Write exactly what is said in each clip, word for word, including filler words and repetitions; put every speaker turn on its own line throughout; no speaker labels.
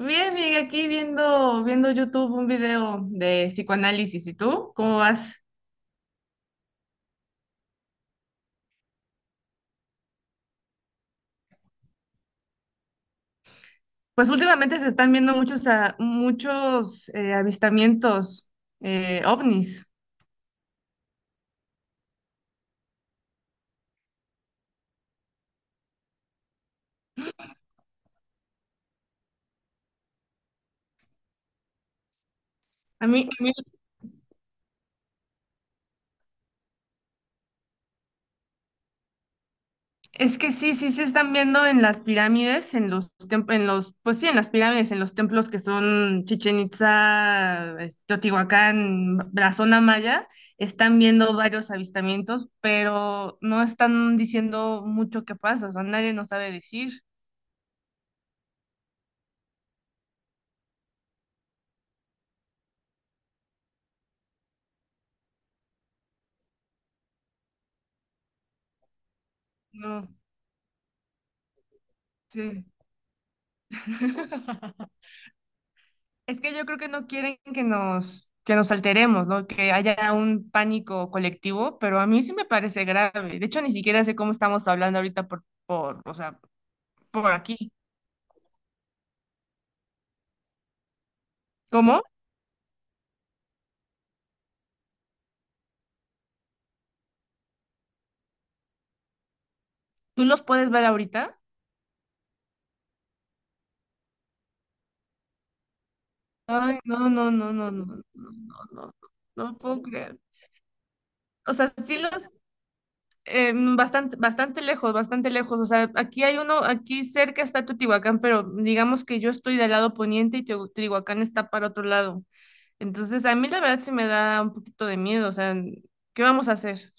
Bien, bien, aquí viendo, viendo YouTube un video de psicoanálisis. ¿Y tú? ¿Cómo vas? Pues últimamente se están viendo muchos, a- muchos eh, avistamientos eh, ovnis. A mí, a mí- es que sí, sí se están viendo en las pirámides, en los tem- en los, pues sí, en las pirámides, en los templos que son Chichen Itza, este, Teotihuacán, la zona maya, están viendo varios avistamientos, pero no están diciendo mucho qué pasa, o sea, nadie nos sabe decir. No, sí. Es que yo creo que no quieren que nos, que nos alteremos, ¿no? Que haya un pánico colectivo, pero a mí sí me parece grave. De hecho, ni siquiera sé cómo estamos hablando ahorita por, por, o sea, por aquí. ¿Cómo? ¿Tú los puedes ver ahorita? Ay, no, no, no, no, no, no, no, no, no puedo creer. O sea, sí los, eh, bastante, bastante lejos, bastante lejos. O sea, aquí hay uno, aquí cerca está Teotihuacán, pero digamos que yo estoy del lado poniente y Teo- Teotihuacán está para otro lado. Entonces, a mí la verdad sí me da un poquito de miedo, o sea, ¿qué vamos a hacer?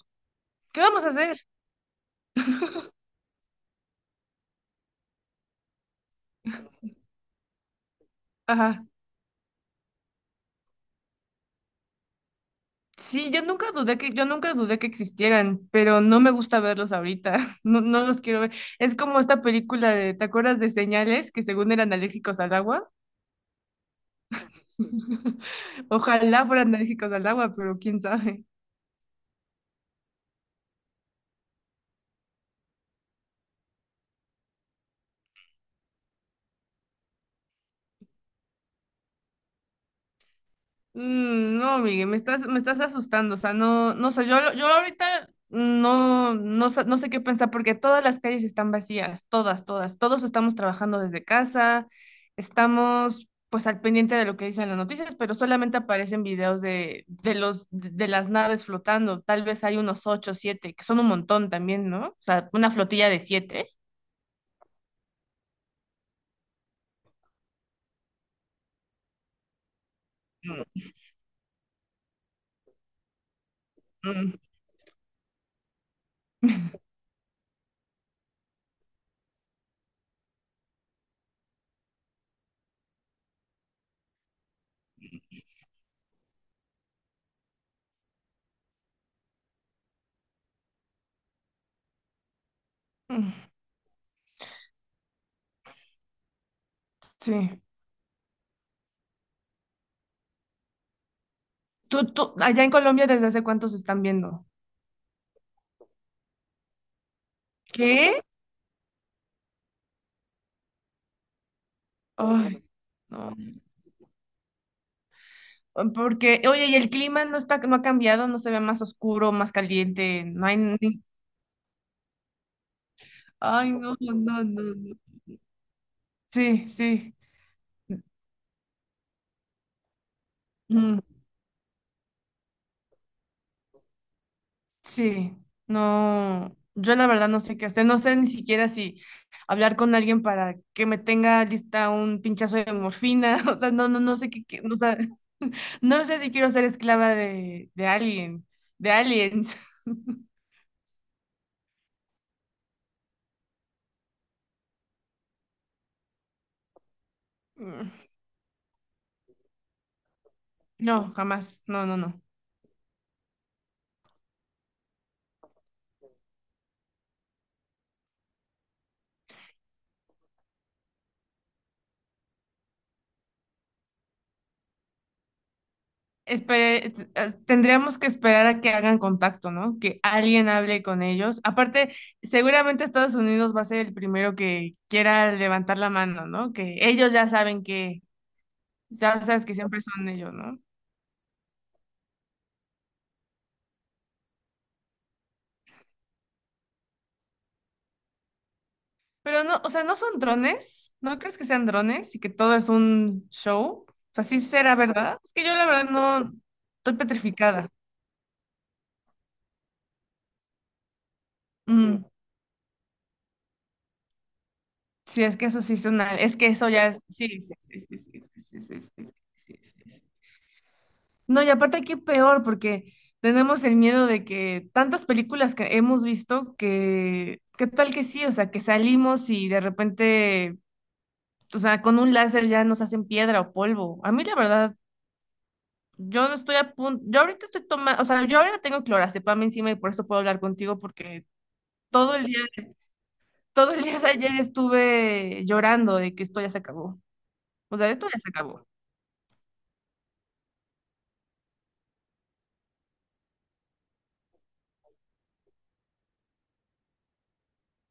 ¿Qué vamos a hacer? Ajá. Sí, yo nunca dudé que, yo nunca dudé que existieran, pero no me gusta verlos ahorita. No, no los quiero ver. Es como esta película de, ¿te acuerdas de Señales? Que según eran alérgicos al agua. Ojalá fueran alérgicos al agua, pero quién sabe. Mm, no, Miguel, me estás, me estás asustando, o sea, no, no sé, yo, yo ahorita no, no, sé- no sé qué pensar porque todas las calles están vacías, todas, todas, todos estamos trabajando desde casa, estamos pues al pendiente de lo que dicen las noticias, pero solamente aparecen videos de, de los, de, de las naves flotando, tal vez hay unos ocho, siete, que son un montón también, ¿no? O sea, una flotilla de siete. Mm, sí. Tú, tú, allá en Colombia, ¿desde hace cuántos están viendo? ¿Qué? Ay, no. Porque, oye, y el clima no está, no ha cambiado, no se ve más oscuro, más caliente, no hay, ni- ay, no, no, no, no, no. Sí, sí, mm, sí, no, yo la verdad no sé qué hacer, no sé ni siquiera si hablar con alguien para que me tenga lista un pinchazo de morfina, o sea, no, no, no sé qué, qué- o sea, no sé si quiero ser esclava de, de alguien, de aliens. Mm, no, jamás, no, no, no. Espere- es- tendríamos que esperar a que hagan contacto, ¿no? Que alguien hable con ellos. Aparte, seguramente Estados Unidos va a ser el primero que quiera levantar la mano, ¿no? Que ellos ya saben que, ya sabes que siempre son ellos, ¿no? Pero no, o sea, ¿no son drones? ¿No crees que sean drones y que todo es un show? O sea, sí será verdad. Es que yo la verdad no estoy petrificada. Mm, sí, es que eso sí es una, es que eso ya es, sí, sí, sí, sí, sí, sí, sí, sí, sí, sí, sí, sí. No, y aparte aquí peor, porque tenemos el miedo de que tantas películas que hemos visto que, ¿qué tal que sí? O sea, que salimos y de repente, o sea, con un láser ya nos hacen piedra o polvo. A mí la verdad, yo no estoy a punto, yo ahorita estoy tomando, o sea, yo ahora tengo clorazepam encima y por eso puedo hablar contigo porque todo el día, todo el día de ayer estuve llorando de que esto ya se acabó. O sea, esto ya se acabó.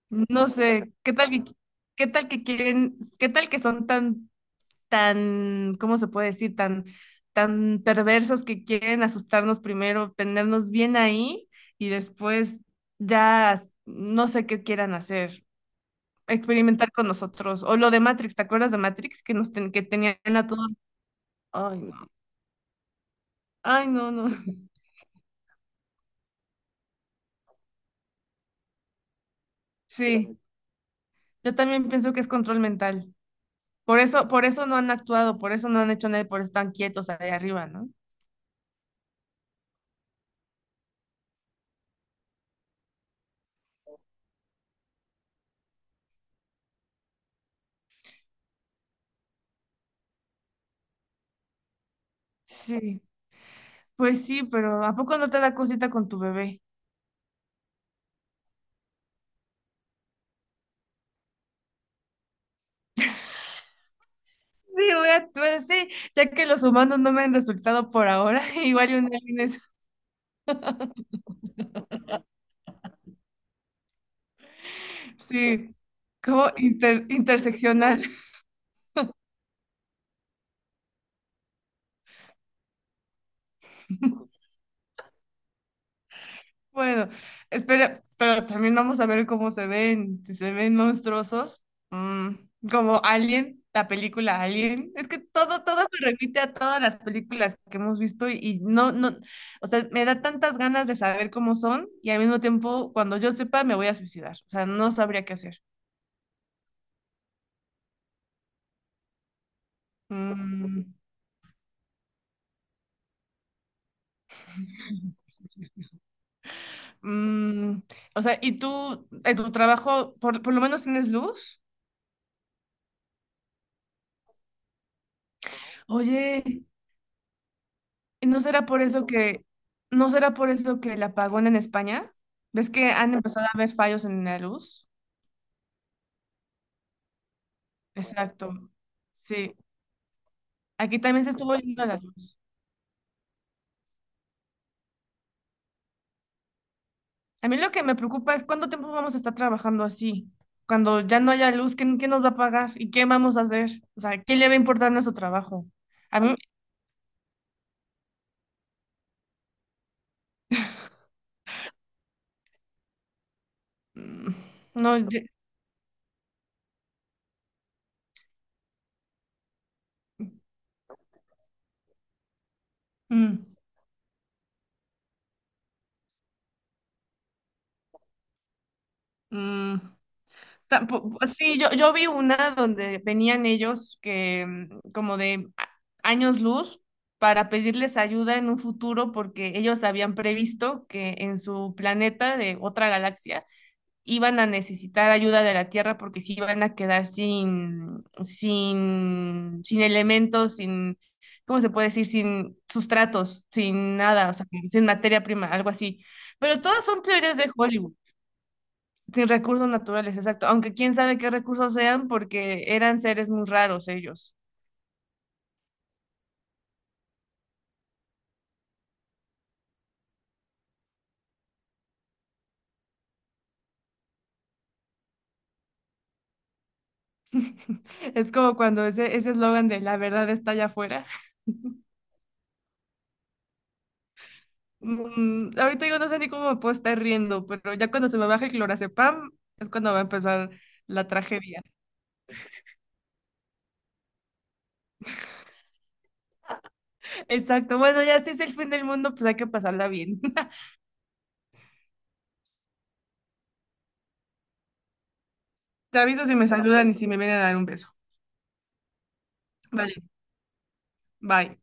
No sé, ¿qué tal que, qué tal que quieren, ¿qué tal que son tan tan, ¿cómo se puede decir? Tan, tan perversos que quieren asustarnos primero, tenernos bien ahí y después ya no sé qué quieran hacer, experimentar con nosotros. O lo de Matrix, ¿te acuerdas de Matrix? Que nos ten- que tenían a todos. Ay, no, ay, no, no. Sí, yo también pienso que es control mental. Por eso, por eso no han actuado, por eso no han hecho nada, y por eso están quietos ahí arriba, ¿no? Sí, pues sí, pero ¿a poco no te da cosita con tu bebé? Sí, voy a, pues sí, ya que los humanos no me han resultado por ahora, igual y un alien es, sí, como inter- interseccional. Bueno, espera, pero también vamos a ver cómo se ven, si se ven monstruosos, mm, como Alien, la película Alien. Es que todo, todo se remite a todas las películas que hemos visto y, y no, no, o sea, me da tantas ganas de saber cómo son y al mismo tiempo, cuando yo sepa, me voy a suicidar, o sea, no sabría qué hacer. Mm. Mm, o sea, ¿y tú en tu trabajo por, por lo menos tienes luz? Oye, ¿y ¿no será por eso que, ¿no será por eso que el apagón en España? ¿Ves que han empezado a haber fallos en la luz? Exacto. Sí, aquí también se estuvo yendo la luz. A mí lo que me preocupa es cuánto tiempo vamos a estar trabajando así. Cuando ya no haya luz, ¿quién, quién nos va a pagar? ¿Y qué vamos a hacer? O sea, ¿quién le va a importar nuestro trabajo? A mí, mm, no, yo- mm, mm. Tampo- pues sí, yo, yo vi una donde venían ellos que mm, como de a- años luz para pedirles ayuda en un futuro porque ellos habían previsto que en su planeta de otra galaxia iban a necesitar ayuda de la Tierra porque se iban a quedar sin, sin, sin elementos, sin, ¿cómo se puede decir? Sin sustratos, sin nada, o sea, sin materia prima, algo así. Pero todas son teorías de Hollywood sin recursos naturales, exacto. Aunque quién sabe qué recursos sean, porque eran seres muy raros ellos. Es como cuando ese ese eslogan de la verdad está allá afuera. Mm, ahorita yo no sé ni cómo me puedo estar riendo, pero ya cuando se me baje el clorazepam es cuando va a empezar la tragedia. Exacto. Bueno, ya si es el fin del mundo, pues hay que pasarla bien. Te aviso si me saludan y si me vienen a dar un beso. Vale, bye.